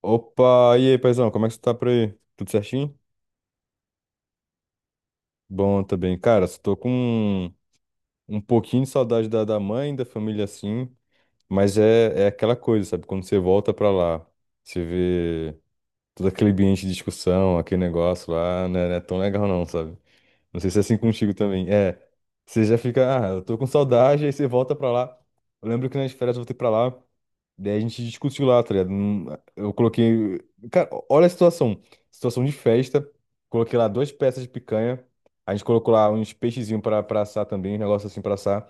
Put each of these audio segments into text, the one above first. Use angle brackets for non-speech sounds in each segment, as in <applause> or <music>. Opa, e aí, paizão, como é que você tá por aí? Tudo certinho? Bom também. Cara, só tô com um pouquinho de saudade da mãe, da família assim, mas é aquela coisa, sabe? Quando você volta pra lá, você vê todo aquele ambiente de discussão, aquele negócio lá, né? Não é tão legal não, sabe? Não sei se é assim contigo também. É, você já fica, ah, eu tô com saudade, aí você volta pra lá. Eu lembro que nas férias eu voltei pra lá. Daí a gente discutiu lá, tá ligado? Eu coloquei. Cara, olha a situação. Situação de festa. Coloquei lá duas peças de picanha. A gente colocou lá uns peixezinhos pra assar também, um negócio assim pra assar.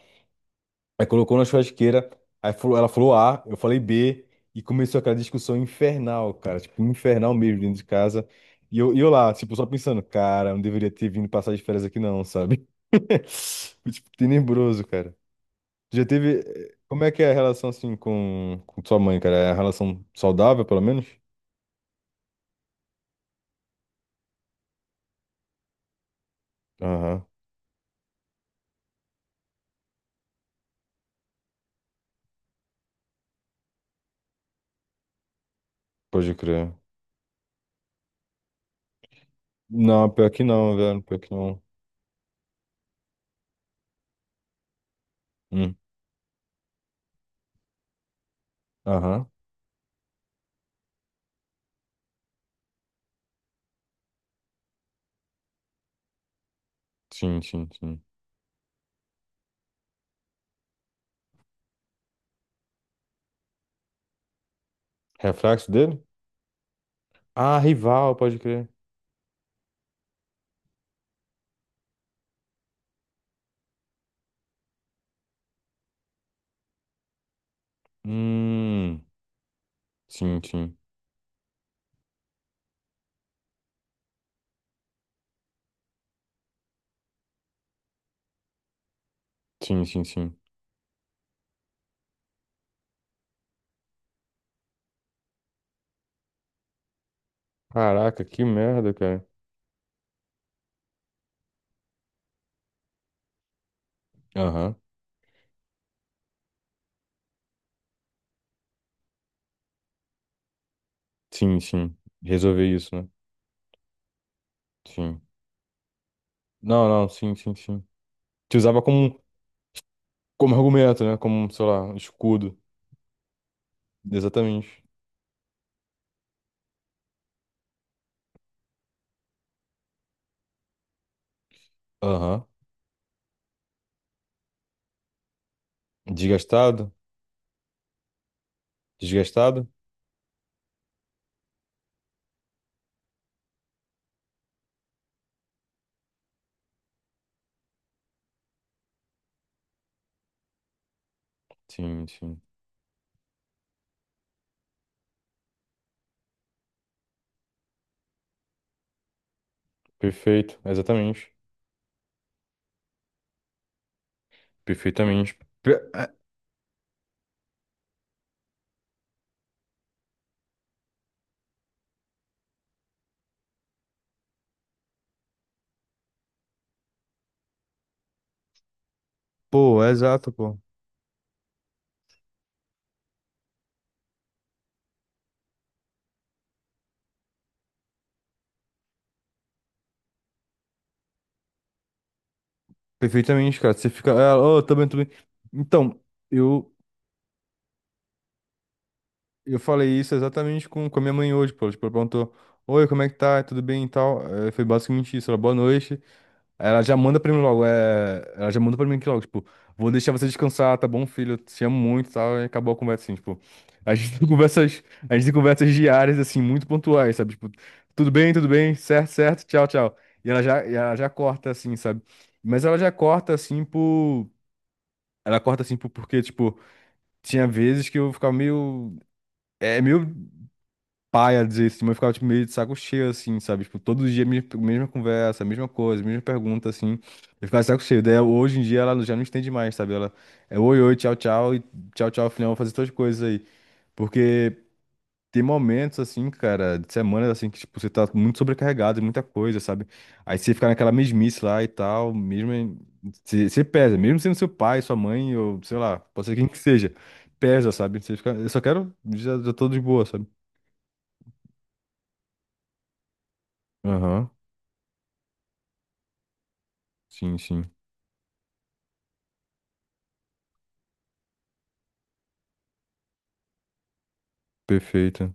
Aí colocou na churrasqueira. Aí ela falou A, eu falei B. E começou aquela discussão infernal, cara. Tipo, infernal mesmo dentro de casa. E eu lá, tipo, só pensando, cara, não deveria ter vindo passar de férias aqui não, sabe? <laughs> Foi. Tipo, tenebroso, cara. Já teve. Como é que é a relação assim com sua mãe, cara? É a relação saudável, pelo menos? Aham, pode crer. Não, pior que não, velho. Pior que não. Hum. Aham. Sim, sim, sim. Reflexo dele? Ah, rival, pode crer. Hum. Sim, sim. Sim, sim, sim. Caraca, que merda, cara. Aham. Sim, sim. Resolver isso, né? Sim. Não, não, sim, sim, sim. Te usava como, um, como argumento, né? Como, sei lá, um escudo. Exatamente. Aham. Desgastado? Desgastado? Sim, sim. Perfeito, exatamente. Perfeitamente. É, pô, é exato, pô. Perfeitamente, cara. Você fica. Ah, oh, tô bem, tô bem. Então, eu, eu falei isso exatamente com a minha mãe hoje, pô. Tipo, ela perguntou: oi, como é que tá? Tudo bem e tal? Foi basicamente isso. Ela, boa noite. Ela já manda pra mim logo, é... Ela já manda pra mim aqui logo, tipo, vou deixar você descansar, tá bom, filho? Eu te amo muito, e tal, e acabou a conversa, assim, tipo. A gente tem conversas, a gente tem conversas diárias, assim, muito pontuais, sabe? Tipo, tudo bem, certo, certo, tchau, tchau. E ela já corta, assim, sabe? Mas ela já corta, assim, por... Ela corta, assim, por... porque, tipo, tinha vezes que eu ficava meio... É, meio paia desse, tipo, eu ficava tipo, meio de saco cheio, assim, sabe? Tipo, todo dia mesma conversa, mesma coisa, mesma pergunta, assim. Eu ficava de saco cheio. Daí hoje em dia ela já não entende mais, sabe? Ela é oi, oi, tchau, tchau, e tchau, tchau, filhão, vou fazer todas as coisas aí. Porque tem momentos, assim, cara, de semanas, assim, que, tipo, você tá muito sobrecarregado, de muita coisa, sabe? Aí você fica naquela mesmice lá e tal, mesmo. Você pesa, mesmo sendo seu pai, sua mãe, ou sei lá, pode ser quem que seja, pesa, sabe? Você fica, eu só quero, já tô de boa, sabe? Aham. Sim, sim. Perfeita.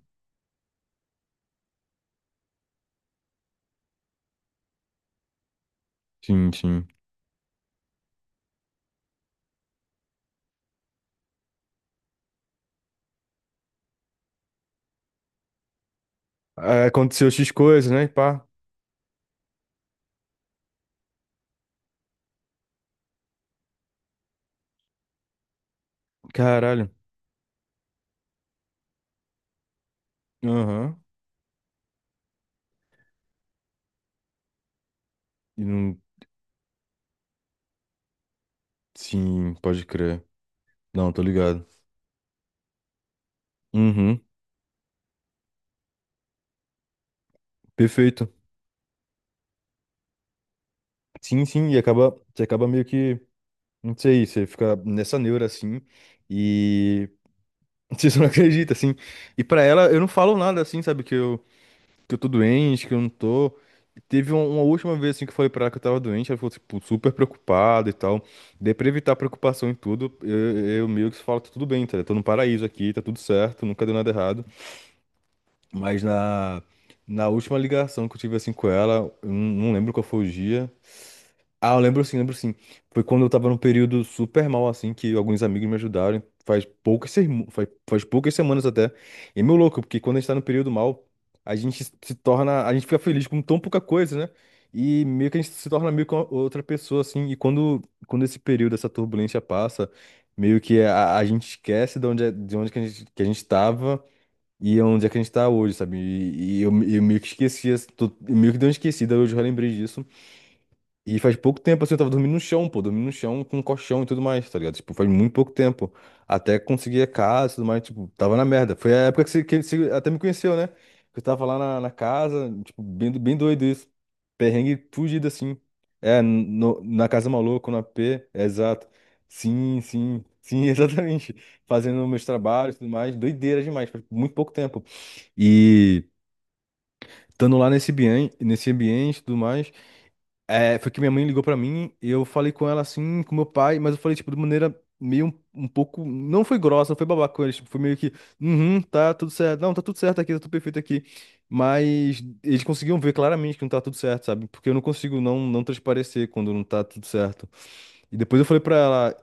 Sim, sim. Ah, aconteceu X coisas, né? E pá. Caralho. Aham. E não. Sim, pode crer. Não, tô ligado. Uhum. Perfeito. Sim, sim. E acaba. Você acaba meio que. Não sei, você fica nessa neura assim. E. <laughs> Você não acredita, assim. E pra ela, eu não falo nada assim, sabe? Que eu tô doente, que eu não tô. Teve uma última vez assim que eu falei pra ela que eu tava doente, ela ficou tipo, super preocupada e tal. Daí pra evitar preocupação em tudo, eu meio que falo, tá tudo bem, tá? Eu tô no paraíso aqui, tá tudo certo, nunca deu nada errado. Mas na, na última ligação que eu tive assim com ela, eu não lembro qual foi o dia, ah, eu lembro sim, lembro sim. Foi quando eu tava num período super mal, assim, que alguns amigos me ajudaram. Faz poucas semanas até. E é meio louco, porque quando a gente tá num período mal, a gente se torna. A gente fica feliz com tão pouca coisa, né? E meio que a gente se torna meio que outra pessoa, assim. E quando esse período, essa turbulência passa, meio que a gente esquece de onde, de onde que a gente tava e onde é que a gente tá hoje, sabe? E eu meio que esqueci, assim, eu meio que dei uma esquecida, hoje eu já lembrei disso. E faz pouco tempo, assim, eu tava dormindo no chão, pô, dormindo no chão com um colchão e tudo mais, tá ligado? Tipo, faz muito pouco tempo. Até conseguir a casa e tudo mais, tipo, tava na merda. Foi a época que você até me conheceu, né? Que eu tava lá na, na casa, tipo, bem, bem doido isso. Perrengue fugido, assim. É, no, na Casa Maluco, no AP, é, exato. Sim, sim, sim, <laughs> exatamente. Fazendo meus trabalhos e tudo mais, doideira demais, faz muito pouco tempo. E estando lá nesse ambiente e tudo mais. É, foi que minha mãe ligou pra mim e eu falei com ela assim, com meu pai, mas eu falei, tipo, de maneira meio um pouco. Não foi grossa, não foi babaca com eles, tipo, foi meio que, uhum, tá tudo certo, não, tá tudo certo aqui, tá tudo perfeito aqui. Mas eles conseguiam ver claramente que não tá tudo certo, sabe? Porque eu não consigo não transparecer quando não tá tudo certo. E depois eu falei pra ela,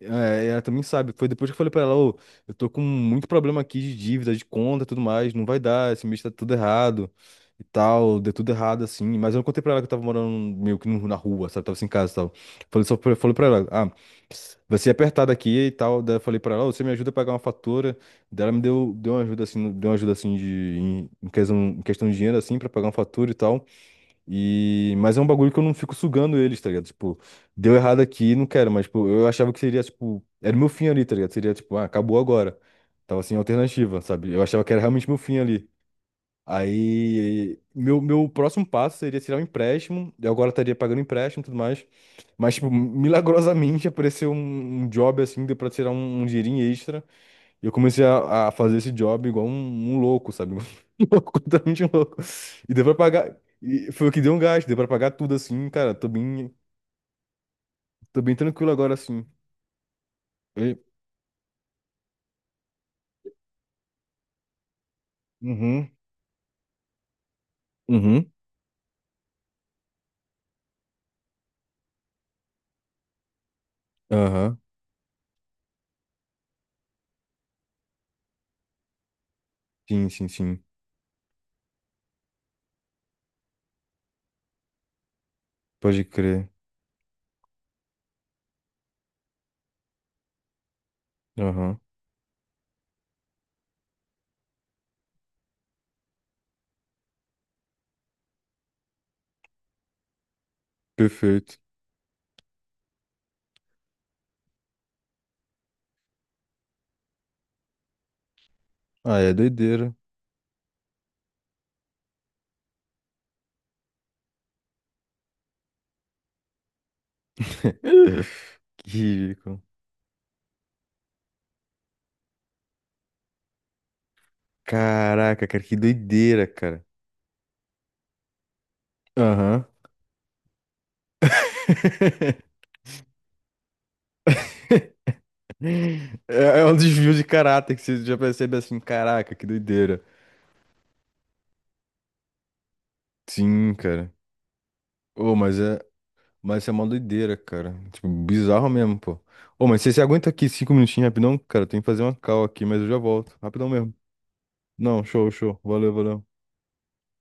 é, ela também sabe. Foi depois que eu falei pra ela, ô, eu tô com muito problema aqui de dívida, de conta e tudo mais, não vai dar, esse mês tá tudo errado e tal, deu tudo errado assim. Mas eu não contei pra ela que eu tava morando meio que na rua, sabe? Tava sem casa e tal. Falei só pra, falei pra ela, ah, vai ser apertado aqui e tal. Daí eu falei pra ela, ô, você me ajuda a pagar uma fatura. Daí ela me deu, deu uma ajuda assim, deu uma ajuda assim de, em, em questão de dinheiro assim, pra pagar uma fatura e tal. E... Mas é um bagulho que eu não fico sugando eles, tá ligado? Tipo, deu errado aqui, não quero, mas, tipo, eu achava que seria, tipo, era o meu fim ali, tá ligado? Seria, tipo, ah, acabou agora. Tava sem alternativa, sabe? Eu achava que era realmente meu fim ali. Aí, meu próximo passo seria tirar um empréstimo, eu agora estaria pagando empréstimo e tudo mais. Mas, tipo, milagrosamente <laughs> apareceu um job assim, deu pra tirar um dinheirinho extra. E eu comecei a fazer esse job igual um louco, sabe? <laughs> Um louco, completamente louco. E deu pra pagar. E foi o que deu um gasto, deu pra pagar tudo assim, cara. Tô bem tranquilo agora assim. E- Uhum, uhum, aham. Sim, sim, sim. Pode crer. Aham. Perfeito. Ah, é doideira. <laughs> Que ridículo. Caraca, cara, que doideira, cara. Aham. <laughs> É, é um desvio de caráter que você já percebe assim, caraca, que doideira. Sim, cara. Ô, mas é. Mas isso é uma doideira, cara. Tipo, bizarro mesmo, pô. Ô, mas você se aguenta aqui 5 minutinhos rapidão? Cara, tem que fazer uma call aqui, mas eu já volto. Rapidão mesmo. Não, show, show. Valeu, valeu.